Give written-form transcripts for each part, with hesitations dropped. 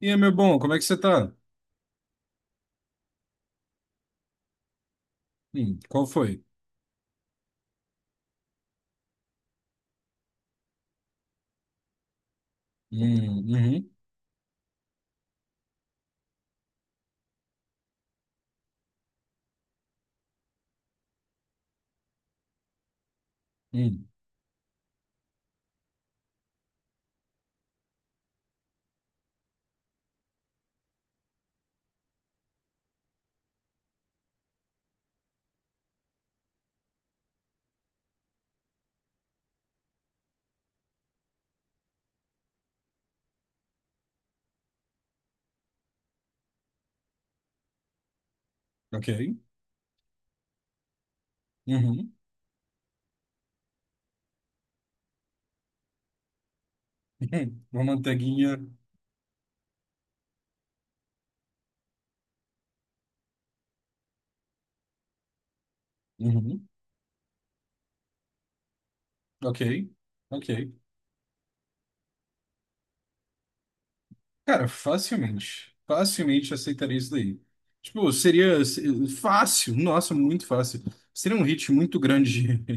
E aí, meu bom, como é que você tá? Qual foi? Uhum, hum, ok. Uhum, uhum, uma manteiguinha. Uhum, ok, ok. Cara, facilmente, facilmente aceitaria isso daí. Tipo, seria fácil, nossa, muito fácil. Seria um hit muito grande.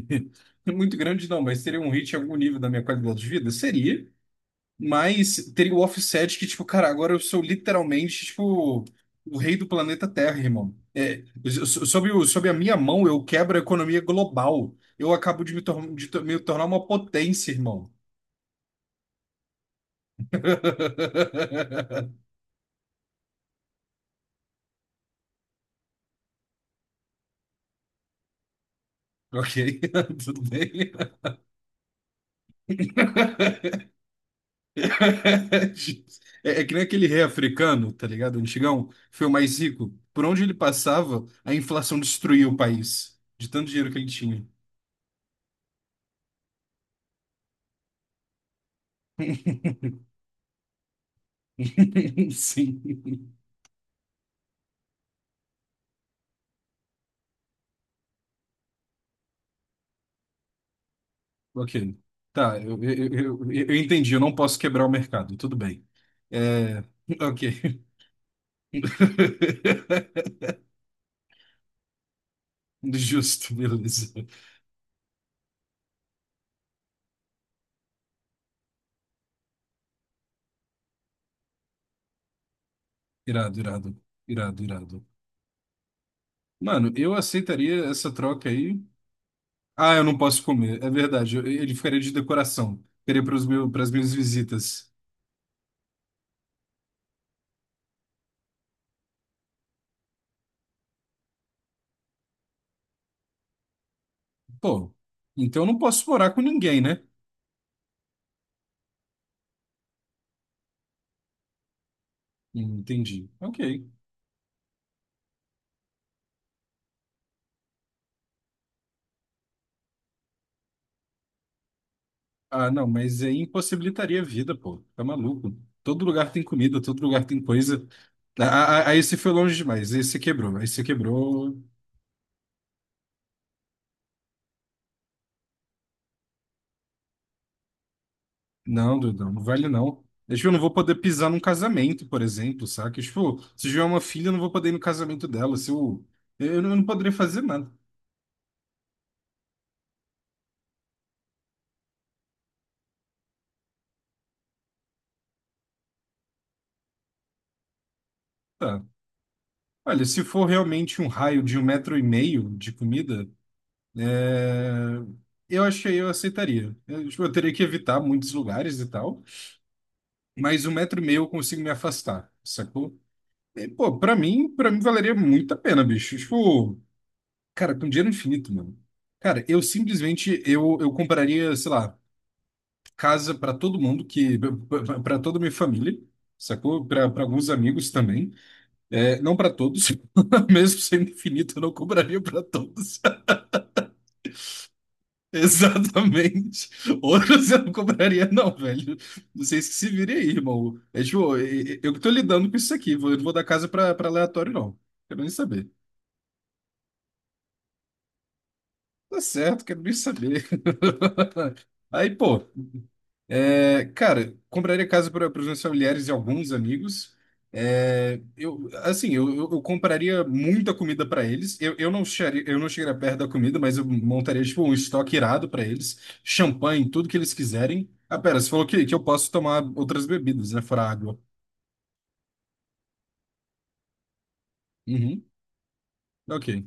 Muito grande não, mas seria um hit em algum nível da minha qualidade de vida? Seria. Mas teria o offset que, tipo, cara, agora eu sou literalmente, tipo, o rei do planeta Terra, irmão. É, sob a minha mão, eu quebro a economia global. Eu acabo de me tornar uma potência, irmão. Ok, tudo bem. É que nem aquele rei africano, tá ligado? Antigão, foi o mais rico. Por onde ele passava, a inflação destruía o país, de tanto dinheiro que ele tinha. Sim. Ok. Tá, eu entendi, eu não posso quebrar o mercado, tudo bem. É, ok. Justo, beleza. Irado, irado, irado, irado. Mano, eu aceitaria essa troca aí. Ah, eu não posso comer, é verdade. Ele ficaria de decoração. Ficaria para as minhas visitas. Pô, então eu não posso morar com ninguém, né? Entendi. Ok. Ah, não, mas aí impossibilitaria a vida, pô. Tá maluco. Todo lugar tem comida, todo lugar tem coisa. Ah, ah, ah, ah, esse foi longe demais. Esse quebrou. Esse quebrou. Não, Dudão, não vale não. Tipo, eu não vou poder pisar num casamento, por exemplo, saca? Tipo, se eu tiver uma filha, eu não vou poder ir no casamento dela. Se eu, eu não poderia fazer nada. Tá. Olha, se for realmente um raio de um metro e meio de comida, é, eu aceitaria. Tipo, eu teria que evitar muitos lugares e tal. Mas um metro e meio eu consigo me afastar, sacou? E, pô, pra mim valeria muito a pena, bicho. Tipo, cara, com dinheiro infinito, mano. Cara, eu compraria, sei lá, casa pra todo mundo, que pra toda a minha família, sacou? Pra alguns amigos também. É, não pra todos, mesmo sendo infinito, eu não compraria pra todos. Exatamente. Outro você não compraria, não, velho. Não sei se se virem aí, irmão. É tipo, eu que tô lidando com isso aqui. Eu não vou dar casa pra aleatório, não. Quero nem saber. Tá certo, quero nem saber. Aí, pô. É, cara, compraria casa para os meus familiares e alguns amigos. É, assim, eu compraria muita comida para eles. Eu não chegaria perto da comida, mas eu montaria tipo um estoque irado para eles, champanhe, tudo que eles quiserem. Ah, pera, você falou que eu posso tomar outras bebidas, né? Fora água. Uhum, ok.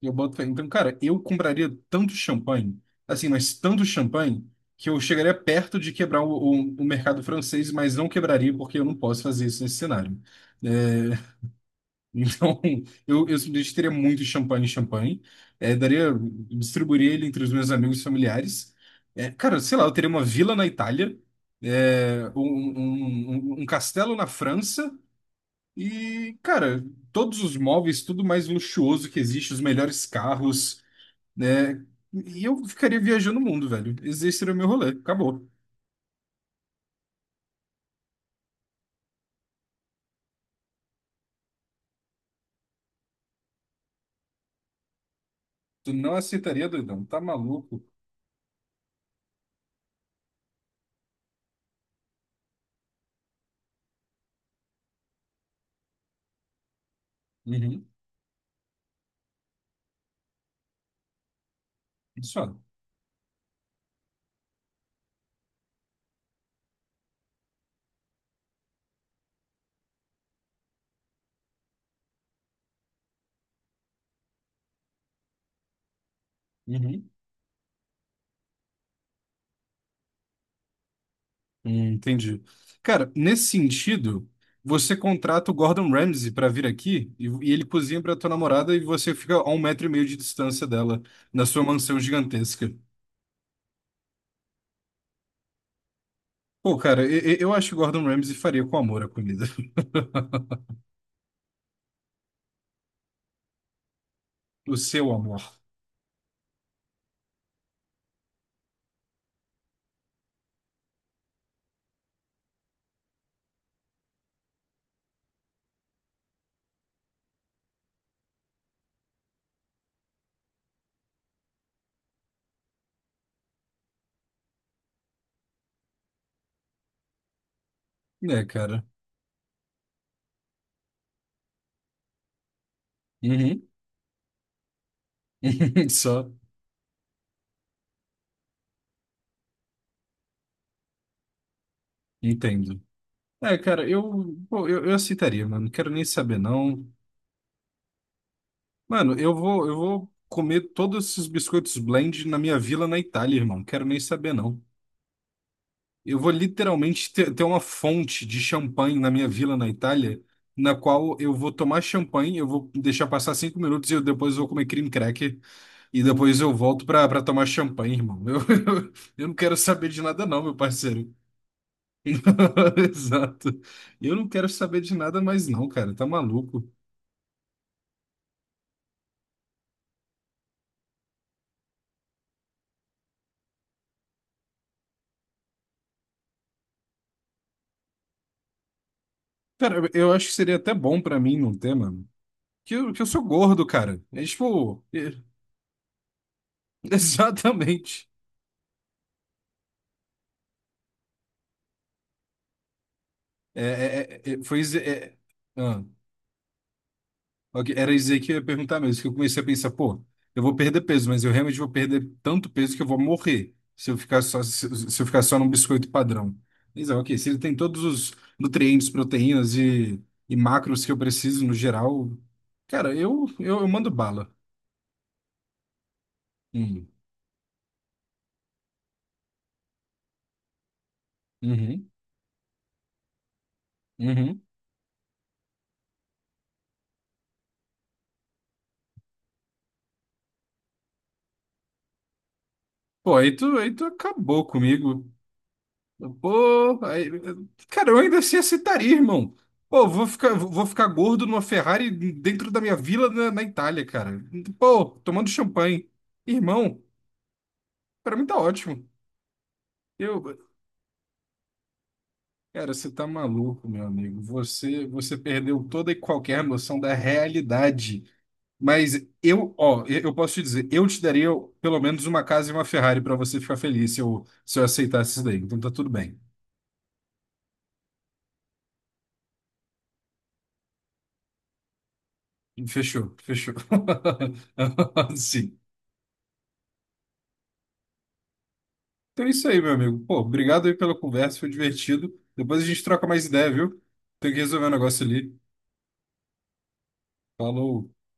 Eu boto fé. Então, cara, eu compraria tanto champanhe, assim, mas tanto champanhe, que eu chegaria perto de quebrar o mercado francês, mas não quebraria porque eu não posso fazer isso nesse cenário. É, então, eu simplesmente teria muito champanhe, champanhe, é, daria, distribuiria ele entre os meus amigos e familiares. É, cara, sei lá, eu teria uma vila na Itália, um castelo na França. E, cara, todos os móveis, tudo mais luxuoso que existe, os melhores carros, né? E eu ficaria viajando o mundo, velho. Esse seria o meu rolê. Acabou. Tu não aceitaria, doidão. Tá maluco? Uhum. Isso, ó. Uhum. Entendi. Cara, nesse sentido, você contrata o Gordon Ramsay pra vir aqui e ele cozinha pra tua namorada e você fica a um metro e meio de distância dela, na sua mansão gigantesca. Pô, cara, eu acho que o Gordon Ramsay faria com amor a comida. O seu amor. É, cara. Uhum. Só. Entendo. É, cara, pô, eu aceitaria, mano. Não quero nem saber, não. Mano, eu vou comer todos esses biscoitos blend na minha vila na Itália, irmão. Não quero nem saber, não. Eu vou literalmente ter uma fonte de champanhe na minha vila na Itália, na qual eu vou tomar champanhe, eu vou deixar passar 5 minutos e eu depois vou comer cream cracker e depois eu volto pra tomar champanhe, irmão. Eu, eu não quero saber de nada, não, meu parceiro. Exato. Eu não quero saber de nada mais, não, cara. Tá maluco. Cara, eu acho que seria até bom pra mim num tema que eu sou gordo, cara. É tipo, Exatamente. É, foi. Ah, ok, era dizer que eu ia perguntar mesmo, que eu comecei a pensar, pô, eu vou perder peso, mas eu realmente vou perder tanto peso que eu vou morrer se eu ficar só, se eu ficar só num biscoito padrão. Mas, ah, ok, se ele tem todos os nutrientes, proteínas e macros que eu preciso no geral, cara, eu mando bala. Hum, Uhum. Uhum. Pô, aí tu acabou comigo. Pô, aí, cara, eu ainda assim aceitaria, irmão. Pô, vou ficar gordo numa Ferrari dentro da minha vila na Itália, cara. Pô, tomando champanhe. Irmão, pra mim tá ótimo. Eu, cara, você tá maluco, meu amigo. Você perdeu toda e qualquer noção da realidade. Mas ó, eu posso te dizer, eu te daria pelo menos uma casa e uma Ferrari pra você ficar feliz se eu aceitasse isso daí. Então tá tudo bem. Fechou, fechou. Sim. Então é isso aí, meu amigo. Pô, obrigado aí pela conversa, foi divertido. Depois a gente troca mais ideia, viu? Tem que resolver um negócio ali. Falou.